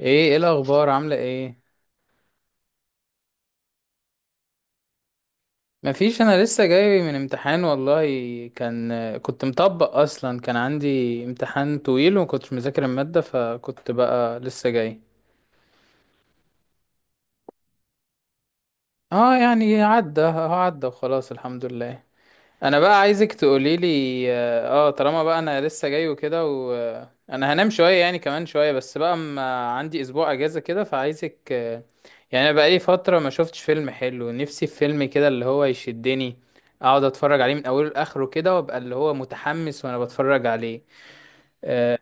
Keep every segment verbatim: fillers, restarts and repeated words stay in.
ايه ايه الاخبار عامله ايه؟ مفيش، انا لسه جاي من امتحان والله. كان كنت مطبق اصلا، كان عندي امتحان طويل ومكنتش مذاكر الماده، فكنت بقى لسه جاي. اه يعني عدى، هو عدى وخلاص الحمد لله. انا بقى عايزك تقولي لي. اه آه، طالما بقى انا لسه جاي وكده وانا هنام شويه يعني كمان شويه، بس بقى اما عندي اسبوع اجازه كده فعايزك آه، يعني انا بقى لي فتره ما شفتش فيلم حلو، نفسي في فيلم كده اللي هو يشدني، اقعد اتفرج عليه من اوله لاخره كده وابقى اللي هو متحمس وانا بتفرج عليه. آه،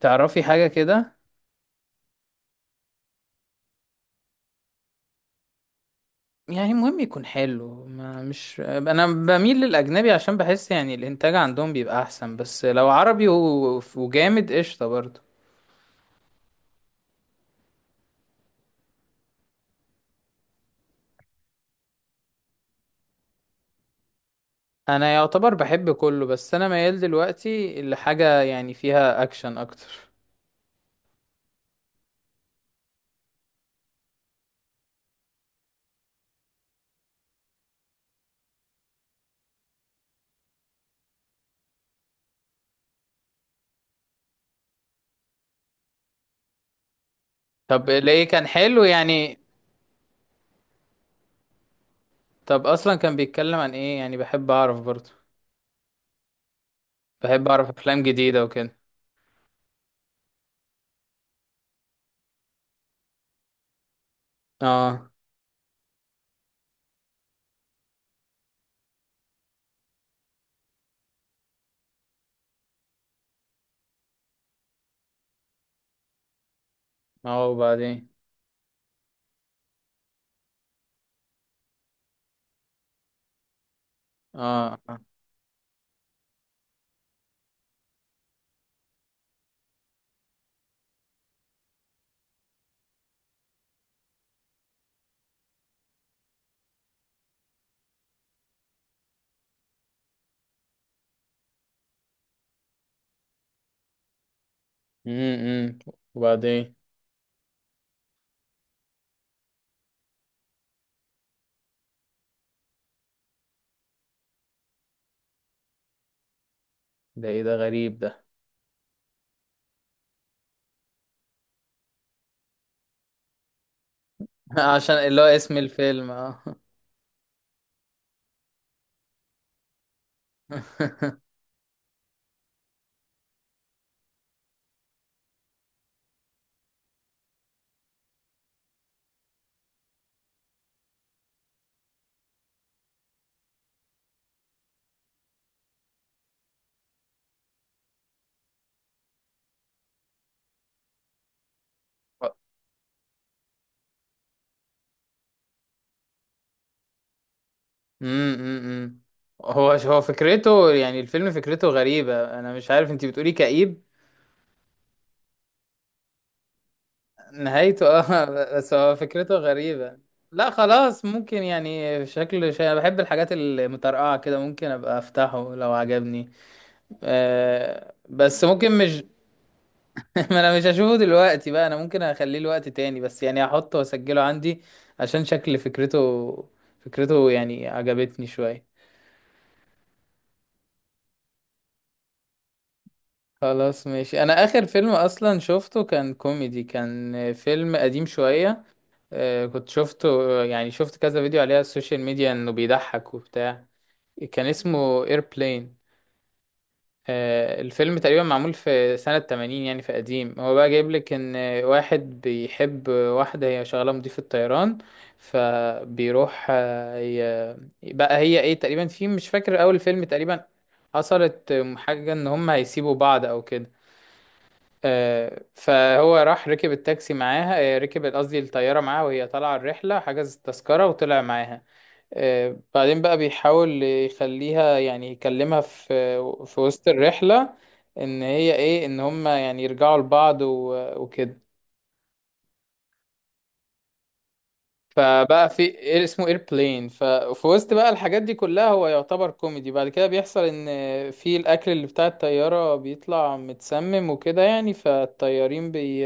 تعرفي حاجه كده؟ يعني المهم يكون حلو. ما مش انا بميل للاجنبي عشان بحس يعني الانتاج عندهم بيبقى احسن، بس لو عربي و- وجامد قشطه برضه. انا يعتبر بحب كله، بس انا ميال دلوقتي لحاجة يعني فيها اكشن اكتر. طب ليه، كان حلو يعني؟ طب اصلا كان بيتكلم عن ايه يعني؟ بحب اعرف برضه، بحب اعرف افلام جديدة وكده. اه، اه، وبعدين؟ اه. امم وبعدين؟ ده ايه ده، غريب ده. عشان اللي هو اسم الفيلم، اه. امم. هو هو فكرته، يعني الفيلم فكرته غريبة، انا مش عارف انتي بتقولي كئيب. نهايته، اه. بس هو فكرته غريبة. لا خلاص ممكن، يعني شكل شيء، انا بحب الحاجات المترقعة كده، ممكن ابقى افتحه لو عجبني. أه بس ممكن، مش ما انا مش هشوفه دلوقتي بقى، انا ممكن اخليه لوقت تاني، بس يعني هحطه واسجله عندي عشان شكل فكرته، فكرته يعني عجبتني شوية. خلاص ماشي. انا اخر فيلم اصلا شفته كان كوميدي، كان فيلم قديم شوية. آه، كنت شفته، يعني شفت كذا فيديو عليه على السوشيال ميديا انه بيضحك وبتاع. كان اسمه ايربلين، الفيلم تقريبا معمول في سنة ثمانين يعني، في قديم. هو بقى جايب لك ان واحد بيحب واحدة، هي شغالة مضيفة طيران. فبيروح آه، ي- بقى هي ايه، تقريبا في، مش فاكر، اول فيلم تقريبا حصلت حاجة ان هم هيسيبوا بعض او كده. آه، فهو راح ركب التاكسي معاها، آه، ركب قصدي الطيارة معاها، وهي طالعة الرحلة حجز التذكرة وطلع معاها. آه، بعدين بقى بيحاول يخليها يعني يكلمها في في وسط الرحلة ان هي ايه، ان هما يعني يرجعوا لبعض و- وكده. فبقى في إيه، اسمه ايربلين. ففي وسط بقى الحاجات دي كلها، هو يعتبر كوميدي، بعد كده بيحصل ان في الاكل اللي بتاع الطيارة بيطلع متسمم وكده يعني، فالطيارين بي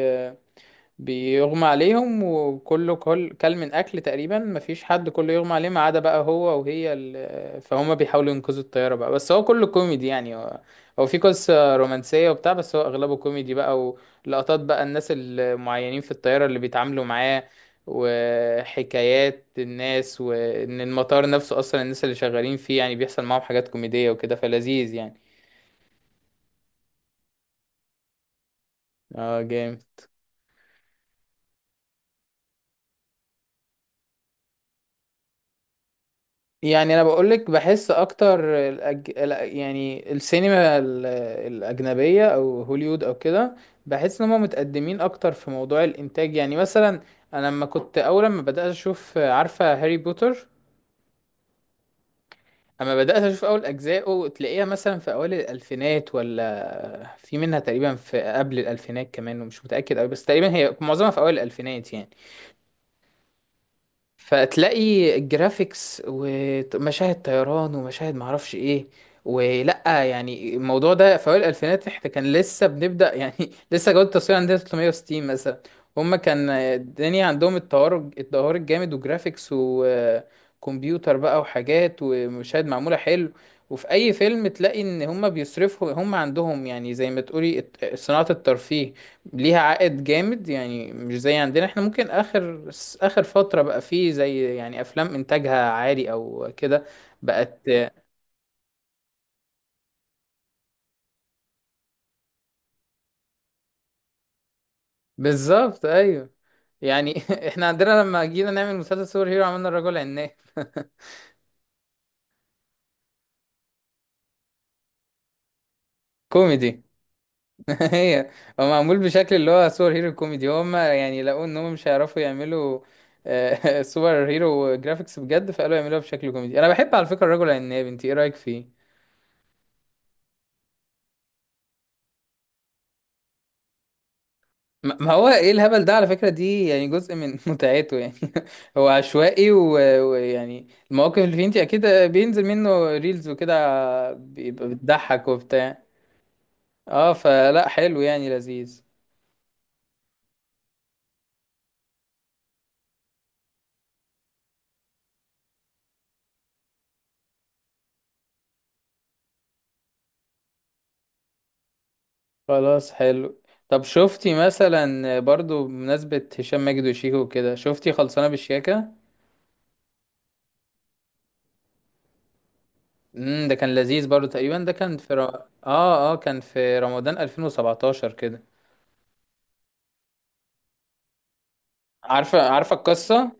بيغمى عليهم، وكله، كل كل من اكل تقريبا، مفيش حد، كله يغمى عليه ما عدا بقى هو وهي. ال... فهم بيحاولوا ينقذوا الطياره بقى، بس هو كله كوميدي يعني. هو هو في قصه رومانسيه وبتاع، بس هو اغلبه كوميدي بقى، ولقطات بقى الناس المعينين في الطياره اللي بيتعاملوا معاه، وحكايات الناس، وان المطار نفسه اصلا الناس اللي شغالين فيه يعني بيحصل معاهم حاجات كوميديه وكده، فلذيذ يعني. اه جامد يعني. انا بقولك، بحس اكتر الأج... ال- يعني السينما ال- الاجنبيه او هوليوود او كده، بحس ان هم متقدمين اكتر في موضوع الانتاج. يعني مثلا انا لما كنت اول ما بدات اشوف، عارفه هاري بوتر؟ اما بدات اشوف اول اجزائه، تلاقيها مثلا في اوائل الالفينات، ولا في منها تقريبا في قبل الالفينات كمان، ومش متاكد قوي، بس تقريبا هي معظمها في اوائل الالفينات يعني. فتلاقي الجرافيكس ومشاهد طيران، ومشاهد معرفش ايه. ولا يعني الموضوع ده، في اوائل الالفينات احنا كان لسه بنبدا يعني، لسه جوده التصوير عندنا تلتمية وستين مثلا. هما كان الدنيا عندهم التطور، التطور الجامد وجرافيكس وكمبيوتر بقى وحاجات ومشاهد معموله حلو. وفي اي فيلم تلاقي ان هما بيصرفوا، هما عندهم يعني زي ما تقولي الت- صناعه الترفيه ليها عائد جامد يعني، مش زي عندنا. احنا ممكن اخر اخر فترة بقى فيه زي يعني افلام انتاجها عالي او كده بقت. بالظبط، ايوه. يعني احنا عندنا لما جينا نعمل مسلسل سوبر هيرو، عملنا الرجل عناب. كوميدي. هي هو معمول بشكل اللي هو سوبر هيرو كوميدي، هما يعني لقوا ان هم مش هيعرفوا يعملوا آه، سوبر هيرو جرافيكس بجد، فقالوا يعملوها بشكل كوميدي. انا بحب على فكرة الرجل العناب، انت ايه رأيك فيه؟ ما ما هو ايه الهبل ده على فكرة، دي يعني جزء من متعته يعني. هو عشوائي، و- ويعني المواقف اللي فيه انت اكيد بينزل منه ريلز وكده، بيبقى بتضحك وبتاع. اه، فلا، حلو يعني، لذيذ. خلاص، حلو. طب شفتي مثلا برضو بمناسبة هشام ماجد وشيكو وكده، شفتي خلصانة بالشياكة؟ امم ده كان لذيذ برضو، تقريبا ده كان في ر... اه اه كان في رمضان ألفين وسبعتاشر كده. عارفة، عارفة القصة؟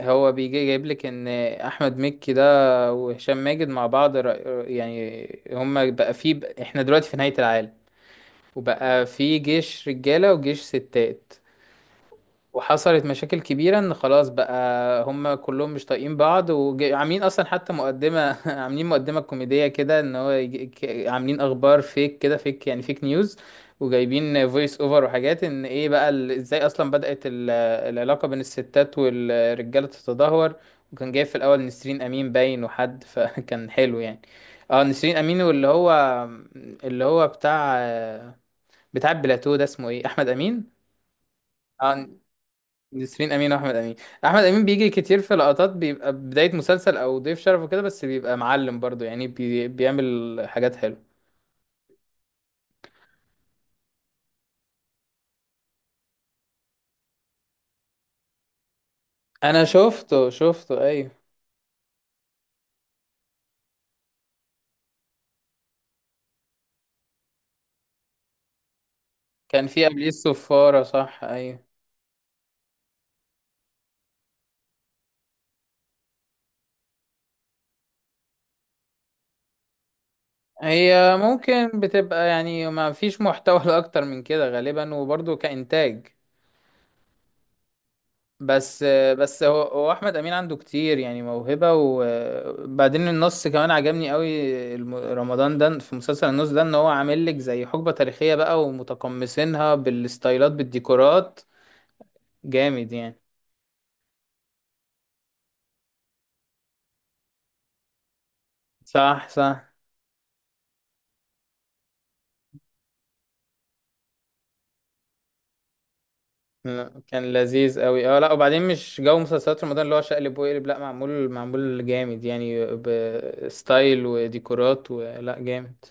هو بيجي جايب لك ان احمد مكي ده وهشام ماجد مع بعض رأ- يعني هما بقى في، احنا دلوقتي في نهاية العالم، وبقى في جيش رجالة وجيش ستات. وحصلت مشاكل كبيرة ان خلاص بقى، هما كلهم مش طايقين بعض، وعاملين اصلا حتى مقدمة عاملين مقدمة كوميدية كده ان هو يجي- ك- عاملين اخبار فيك كده، فيك يعني، فيك نيوز. وجايبين فويس اوفر، وحاجات ان ايه بقى ال- ازاي اصلا بدأت ال- العلاقة بين الستات والرجالة تتدهور. وكان جايب في الاول نسرين امين باين، وحد فكان حلو يعني. اه، نسرين امين واللي هو، اللي هو بتاع بتاع بلاتو ده اسمه ايه، احمد امين. اه، نسرين امين واحمد امين. احمد امين بيجي كتير في لقطات، بيبقى بدايه مسلسل او ضيف شرف وكده، بس بيبقى معلم برضو يعني، بي... بيعمل حاجات حلوه. انا شفته، شفته ايوه. كان في قبليه الصفاره، صح ايوه. هي ممكن بتبقى يعني ما فيش محتوى اكتر من كده غالبا، وبرضو كانتاج بس. بس هو هو احمد امين عنده كتير يعني موهبه، وبعدين النص كمان عجبني قوي. الم- رمضان ده في مسلسل النص ده، ان هو عامل لك زي حقبه تاريخيه بقى، ومتقمصينها بالستايلات، بالديكورات جامد يعني. صح، صح. لا، كان لذيذ قوي. اه لا، وبعدين مش جو مسلسلات رمضان اللي هو شقلب وقلب، لا، معمول معمول جامد يعني، بستايل وديكورات، ولا جامد.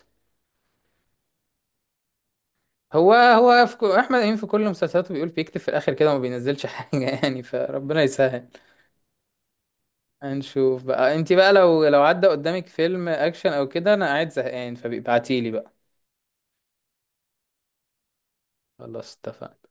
هو هو في كو... احمد امين في كل مسلسلاته بيقول بيكتب في الاخر كده وما بينزلش حاجه يعني، فربنا يسهل. هنشوف بقى. انت بقى لو لو عدى قدامك فيلم اكشن او كده، انا قاعد زهقان، فبيبعتيلي بقى. خلاص، اتفقنا.